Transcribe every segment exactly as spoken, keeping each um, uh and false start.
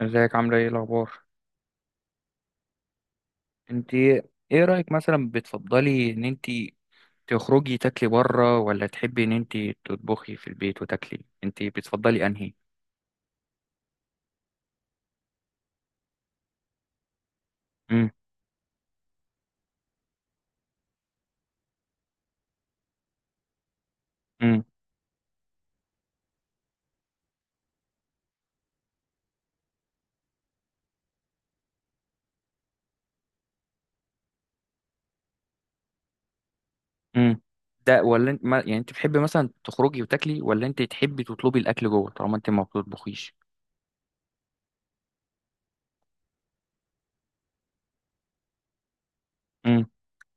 ازيك عاملة ايه الأخبار؟ انت ايه رأيك مثلا بتفضلي ان انت تخرجي تاكلي بره ولا تحبي ان انت تطبخي في البيت وتاكلي؟ انت بتفضلي انهي؟ امم امم امم ده ولا انت ما يعني انت بتحبي مثلا تخرجي وتاكلي ولا انت تحبي تطلبي الأكل جوه طالما انت ما بتطبخيش؟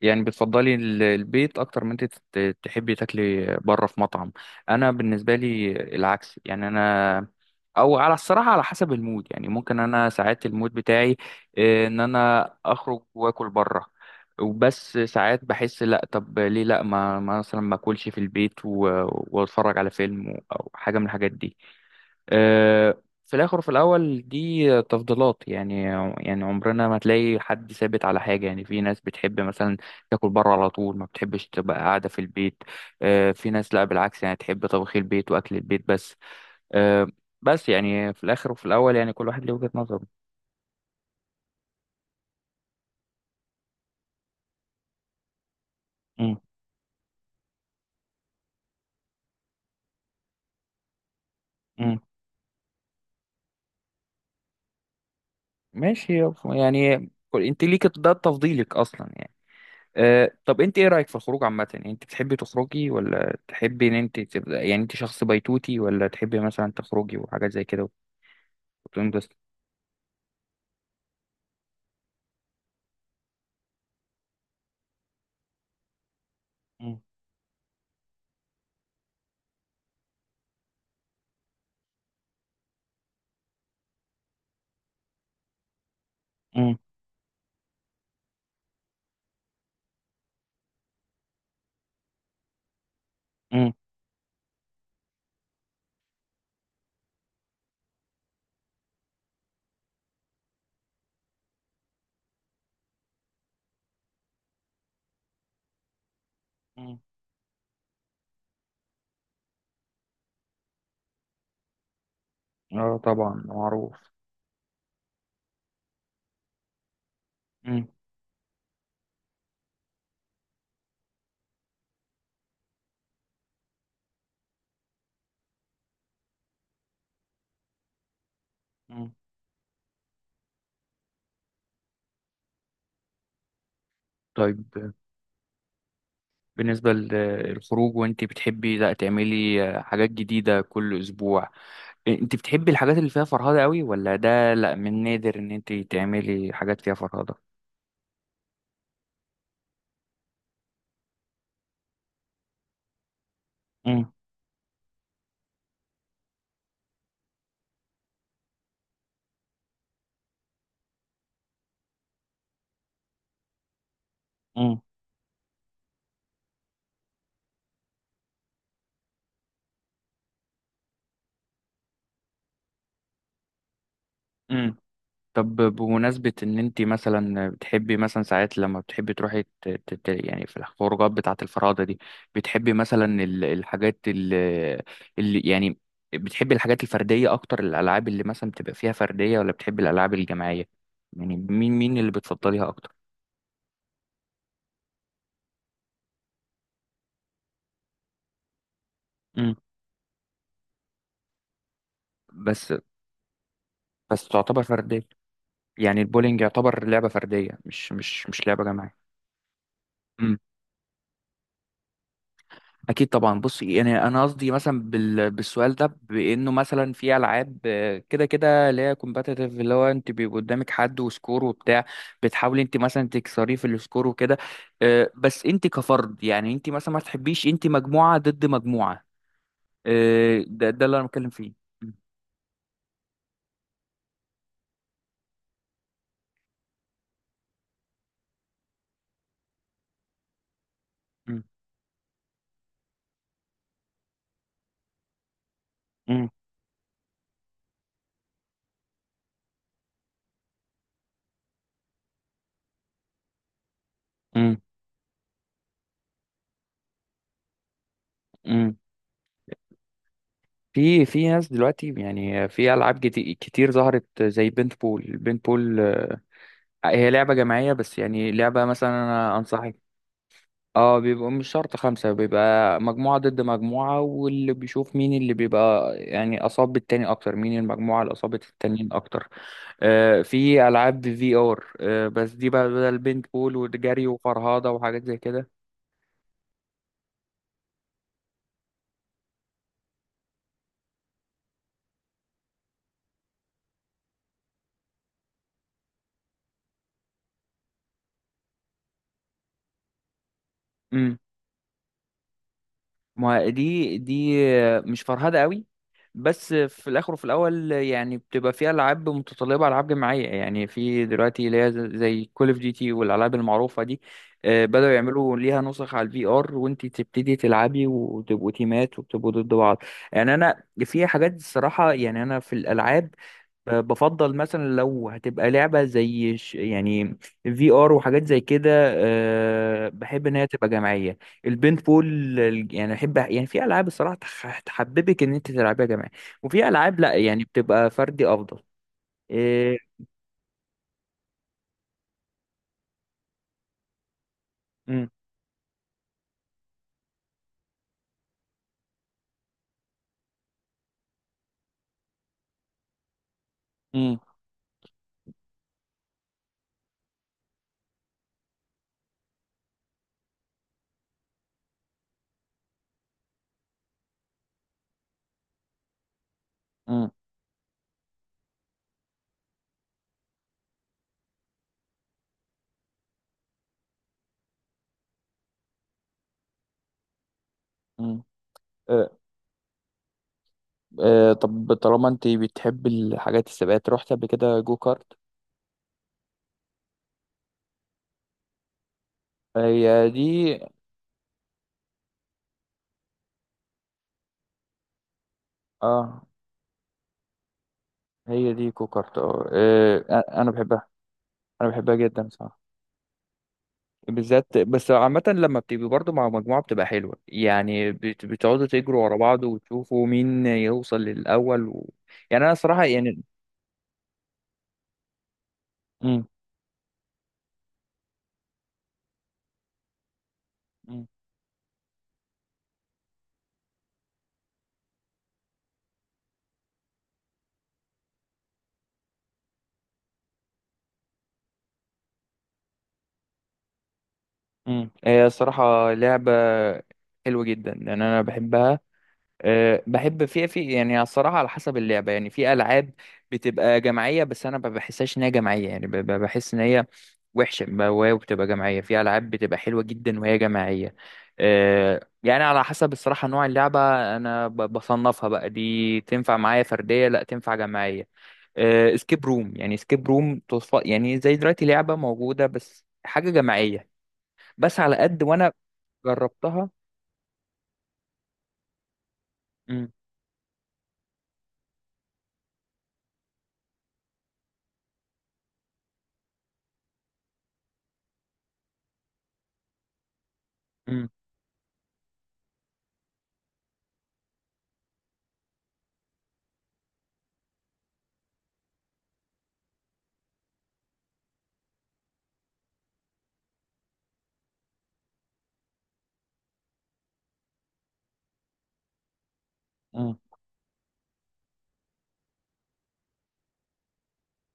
يعني بتفضلي ال- البيت اكتر من انت تت- تحبي تاكلي بره في مطعم. انا بالنسبه لي العكس، يعني انا او على الصراحه على حسب المود، يعني ممكن انا ساعات المود بتاعي آه، ان انا اخرج واكل بره. وبس ساعات بحس لا، طب ليه لا ما ما مثلا ما اكلش في البيت و- واتفرج على فيلم او حاجه من الحاجات دي. آه، في الاخر وفي الاول دي تفضيلات يعني. يعني عمرنا ما تلاقي حد ثابت على حاجه، يعني في ناس بتحب مثلا تاكل بره على طول ما بتحبش تبقى قاعده في البيت. آه، في ناس لا، بالعكس، يعني تحب طبخي البيت واكل البيت بس. آه، بس يعني في الاخر وفي الاول يعني كل واحد ليه وجهه نظره. مم. مم. ماشي. يعني كل- انت ليك ده تفضيلك اصلا يعني. أه، طب انت ايه رأيك في الخروج عامة؟ يعني انت بتحبي تخرجي ولا تحبي ان انت تبقى، يعني انت شخص بيتوتي، ولا تحبي مثلا تخرجي وحاجات زي كده وتنبسطي؟ مم. مم. مم. مم. اه طبعا معروف. مم. مم. طيب بالنسبة للخروج، وانت بتحبي لا تعملي حاجات جديدة كل اسبوع، انت بتحبي الحاجات اللي فيها فرهدة قوي ولا ده لا من نادر ان انت تعملي حاجات فيها فرهدة؟ مم. مم. مم. طب بمناسبة إن أنت مثلا بتحبي مثلا ساعات لما بتحبي تروحي ت- ت- ت- يعني في الخروجات بتاعة الفرادة دي، بتحبي مثلا ال- الحاجات اللي, اللي يعني بتحبي الحاجات الفردية أكتر، الألعاب اللي مثلا بتبقى فيها فردية ولا بتحبي الألعاب الجماعية؟ يعني مين مين اللي بتفضليها أكتر؟ مم. بس بس تعتبر فردية. يعني البولينج يعتبر لعبة فردية، مش مش مش لعبة جماعية. اكيد طبعا. بص يعني انا قصدي مثلا بال... بالسؤال ده بانه مثلا في العاب آه، كده كده اللي هي كومباتيتيف، اللي هو انت بيبقى قدامك حد وسكور وبتاع، بتحاولي انت مثلا تكسريه في السكور وكده. آه، بس انت كفرد، يعني انت مثلا ما تحبيش انت مجموعة ضد مجموعة. آه، ده ده اللي انا بتكلم فيه. م- م- م- م- م. في في ناس دلوقتي، يعني في العاب جت- كتير ظهرت زي بنت بول بنت بول آه، هي لعبة جماعية، بس يعني لعبة مثلا أنا أنصحك. اه، بيبقى مش شرط خمسة، بيبقى مجموعة ضد مجموعة، واللي بيشوف مين اللي بيبقى يعني أصاب التاني أكتر، مين المجموعة اللي أصابت التانيين أكتر. آه في ألعاب في آر، آه بس دي بقى بدل بينت بول وجري وفرهاضة وحاجات زي كده. ما دي دي مش فرهدة قوي. بس في الاخر وفي الاول يعني بتبقى فيها العاب متطلبه العاب جماعيه، يعني في دلوقتي اللي هي زي كول اوف ديوتي والالعاب المعروفه دي. آه، بداوا يعملوا ليها نسخ على الفي ار، وانت تبتدي تلعبي وتبقوا تيمات وبتبقوا ضد بعض. يعني انا في حاجات الصراحه، يعني انا في الالعاب بفضل مثلا لو هتبقى لعبة زي ش- يعني في ار وحاجات زي كده، آه، بحب ان هي تبقى جماعية. البنت بول، ال- يعني احب، يعني في العاب الصراحة تح- تحببك ان انت تلعبها جماعي، وفي العاب لا يعني بتبقى فردي افضل. إيه. امم امم امم امم أه. أه، طب طالما انت بتحب الحاجات السباقات، رحت قبل كده جو كارت؟ هي دي. اه هي دي جو كارت، اه. آه، انا بحبها. انا بحبها جدا، صح. بالذات، بس عامة لما بتبقي برضه مع مجموعة بتبقى حلوة، يعني بت- بتقعدوا تجروا ورا بعض وتشوفوا مين يوصل للأول و... يعني أنا صراحة يعني. مم. مم. مم. هي الصراحة لعبة حلوة جدا، يعني أنا بحبها. أه، بحب في في يعني الصراحة على حسب اللعبة. يعني في ألعاب بتبقى جماعية بس أنا ما بحسهاش إن هي جماعية، يعني ب- ب- بحس إن هي وحشة، ب- وهي بتبقى جماعية، في ألعاب بتبقى حلوة جدا وهي جماعية. أه، يعني على حسب الصراحة نوع اللعبة. أنا ب- بصنفها بقى، دي تنفع معايا فردية، لا تنفع جماعية. اسكيب روم، يعني اسكيب روم تصف يعني زي دلوقتي لعبة موجودة بس حاجة جماعية، بس على قد وأنا جربتها. مم. مم.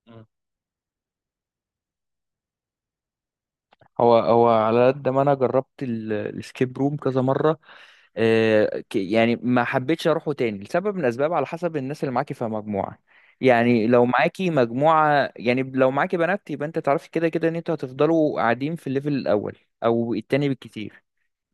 مم. هو هو على قد ما انا جربت ال- الاسكيب روم كذا مره، آه، ك- يعني ما حبيتش اروحه تاني لسبب من الاسباب على حسب الناس اللي معاكي في مجموعه. يعني لو معاكي مجموعه، يعني لو معاكي بنات يبقى انت تعرفي كده كده ان انتوا هتفضلوا قاعدين في الليفل الاول او التاني بالكتير،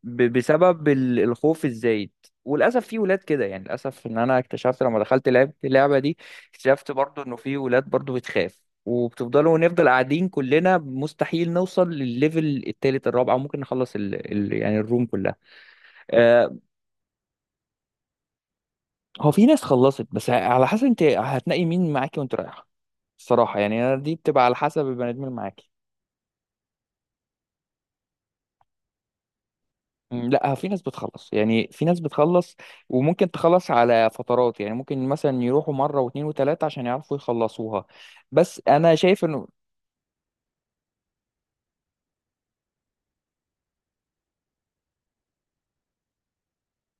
ب- بسبب ال- الخوف الزايد. وللاسف في ولاد كده يعني، للاسف ان انا اكتشفت لما دخلت لعبت اللعبه دي، اكتشفت برضو انه في ولاد برضو بتخاف، وبتفضلوا ونفضل قاعدين كلنا، مستحيل نوصل للليفل التالت الرابع، وممكن نخلص ال... ال... يعني الروم كلها. آه هو في ناس خلصت، بس على حسب انت هتنقي مين معاكي وانت رايحه. الصراحه يعني أنا دي بتبقى على حسب البني ادمين اللي معاكي. مم. لا، في ناس بتخلص، يعني في ناس بتخلص وممكن تخلص على فترات. يعني ممكن مثلا يروحوا مرة واثنين وثلاثة عشان يعرفوا يخلصوها. بس انا شايف انه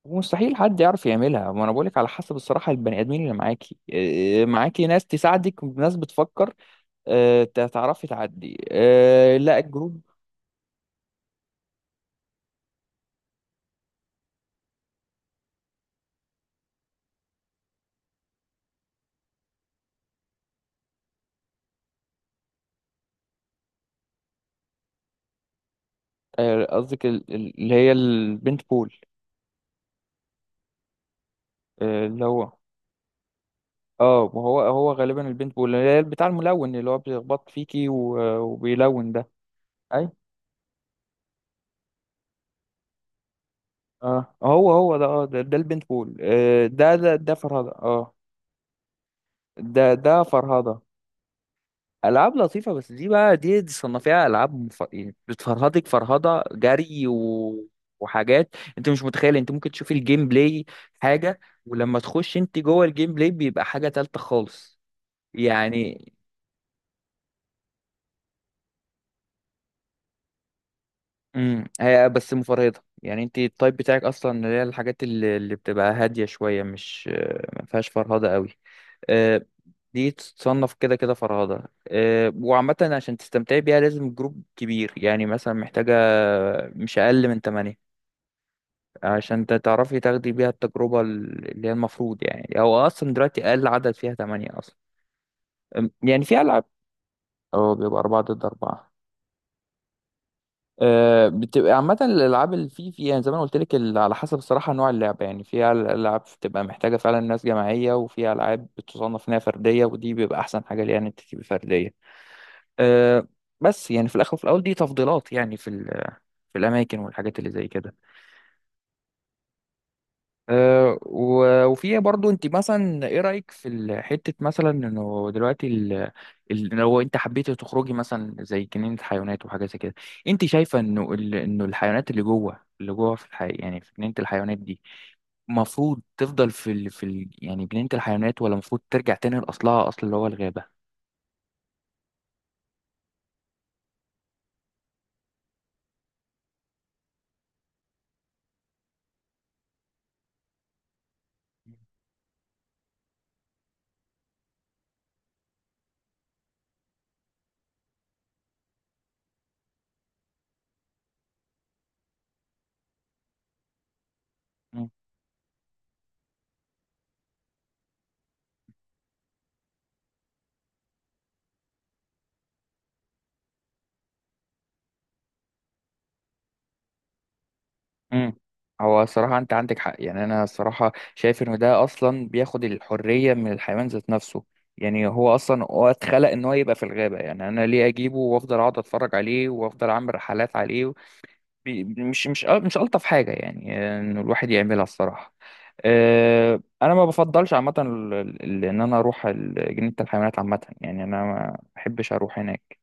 مستحيل حد يعرف يعملها. ما انا بقولك على حسب الصراحة البني ادمين اللي معاكي إيه، معاكي ناس تساعدك، ناس بتفكر، آه، ت- تعرفي تعدي. آه، لا الجروب. آه، قصدك ال- ال- اللي هي البنت بول. آه، اللي هو. اه، ما هو هو غالبا البنت بول اللي هي بتاع الملون، اللي هو بيخبط فيكي و- وبيلون ده. أيوة. اه هو هو ده اه ده, ده البنت بول. آه ده ده ده فرهدة، اه. ده ده فرهدة. ألعاب لطيفة، بس دي بقى، دي, دي صنفيها ألعاب مف... يعني بتفرهدك فرهدة جري و... وحاجات أنت مش متخيل. أنت ممكن تشوف الجيم بلاي حاجة، ولما تخش أنت جوه الجيم بلاي بيبقى حاجة تالتة خالص يعني. امم هي بس مفرهدة، يعني أنت التايب بتاعك أصلا اللي هي الحاجات اللي, اللي بتبقى هادية شوية، مش آه، ما فيهاش فرهدة قوي. دي تصنف كده كده فرهدة. آه، وعامة عشان تستمتعي بيها لازم جروب كبير، يعني مثلا محتاجة مش أقل من تمانية عشان ت- تعرفي تاخدي بيها التجربة ال- اللي هي المفروض. يعني هو أصلا دلوقتي أقل عدد فيها تمانية أصلا. أم، يعني في ألعاب. اه بيبقى أربعة ضد أربعة. آه، بتبقى عامة الألعاب اللي في في يعني زي ما أنا قلت لك، ال- على حسب الصراحة نوع اللعبة. يعني في أل- ألعاب بتبقى محتاجة فعلا ناس جماعية، وفي ألعاب بتصنف إنها فردية، ودي بيبقى أحسن حاجة ليها إن أنت تبقي فردية. آه، بس يعني في الاخر وفي الاول دي تفضيلات، يعني في ال- في الاماكن والحاجات اللي زي كده. آه، و- وفي برضو انت مثلا ايه رايك في ال- حته مثلا، انه دلوقتي ال- ال- لو انت حبيتي تخرجي مثلا زي جنينه حيوانات وحاجه زي كده، انت شايفه انه ال- انه الحيوانات اللي جوه اللي جوه في الحي... يعني في جنينه الحيوانات دي، المفروض تفضل في ال... في ال... يعني جنينه الحيوانات، ولا المفروض ترجع تاني لاصلها، اصل اللي هو الغابه؟ امم هو الصراحة أنت عندك حق. يعني أنا الصراحة شايف إنه ده أصلا بياخد الحرية من الحيوان ذات نفسه. يعني هو أصلا هو اتخلق إن هو يبقى في الغابة. يعني أنا ليه أجيبه وأفضل أقعد أتفرج عليه وأفضل أعمل رحلات عليه؟ بي- مش مش أ- مش ألطف حاجة يعني، آه، إنه الواحد يعملها الصراحة. أه، أنا ما بفضلش عامة ال- ال- إن أنا أروح ال- جنينة الحيوانات عامة. يعني أنا ما بحبش أروح هناك.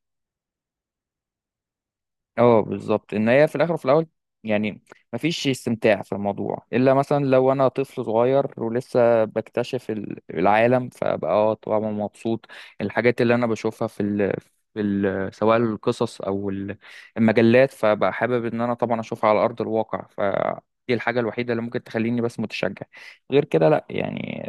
اه بالظبط. ان هي في الاخر وفي الاول، يعني مفيش استمتاع في الموضوع الا مثلا لو انا طفل صغير ولسه بكتشف ال- العالم، فبقى اه طبعا مبسوط الحاجات اللي انا بشوفها في ال... في ال... سواء القصص او ال- المجلات، فبقى حابب ان انا طبعا اشوفها على ارض الواقع. فدي الحاجة الوحيدة اللي ممكن تخليني بس متشجع. غير كده لا يعني.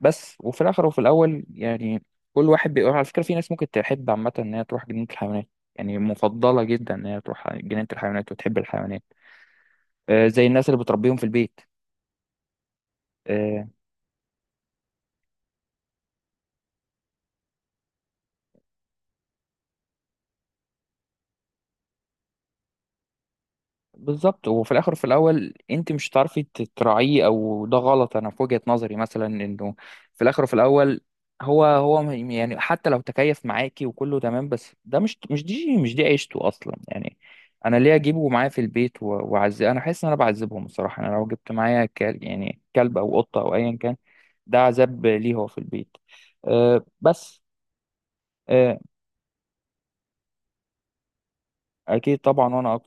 بس وفي الاخر وفي الاول يعني كل واحد بيقول. على فكره في ناس ممكن تحب عامه ان هي تروح جنينه الحيوانات، يعني مفضله جدا ان هي تروح جنينه الحيوانات وتحب الحيوانات. آه زي الناس اللي بتربيهم في البيت. آه، بالظبط، وفي الاخر وفي الاول انت مش هتعرفي تراعيه، او ده غلط. انا في وجهة نظري مثلا انه في الاخر وفي الاول، هو هو م- يعني حتى لو تكيف معاكي وكله تمام، بس ده مش مش دي، مش دي عيشته اصلا. يعني انا ليه اجيبه معايا في البيت و- واعذب؟ انا حاسس ان انا بعذبهم الصراحه. انا لو جبت معايا كلب، يعني كلب او قطه او ايا كان، ده عذاب ليه، هو في البيت. أه بس. أه اكيد طبعا، وانا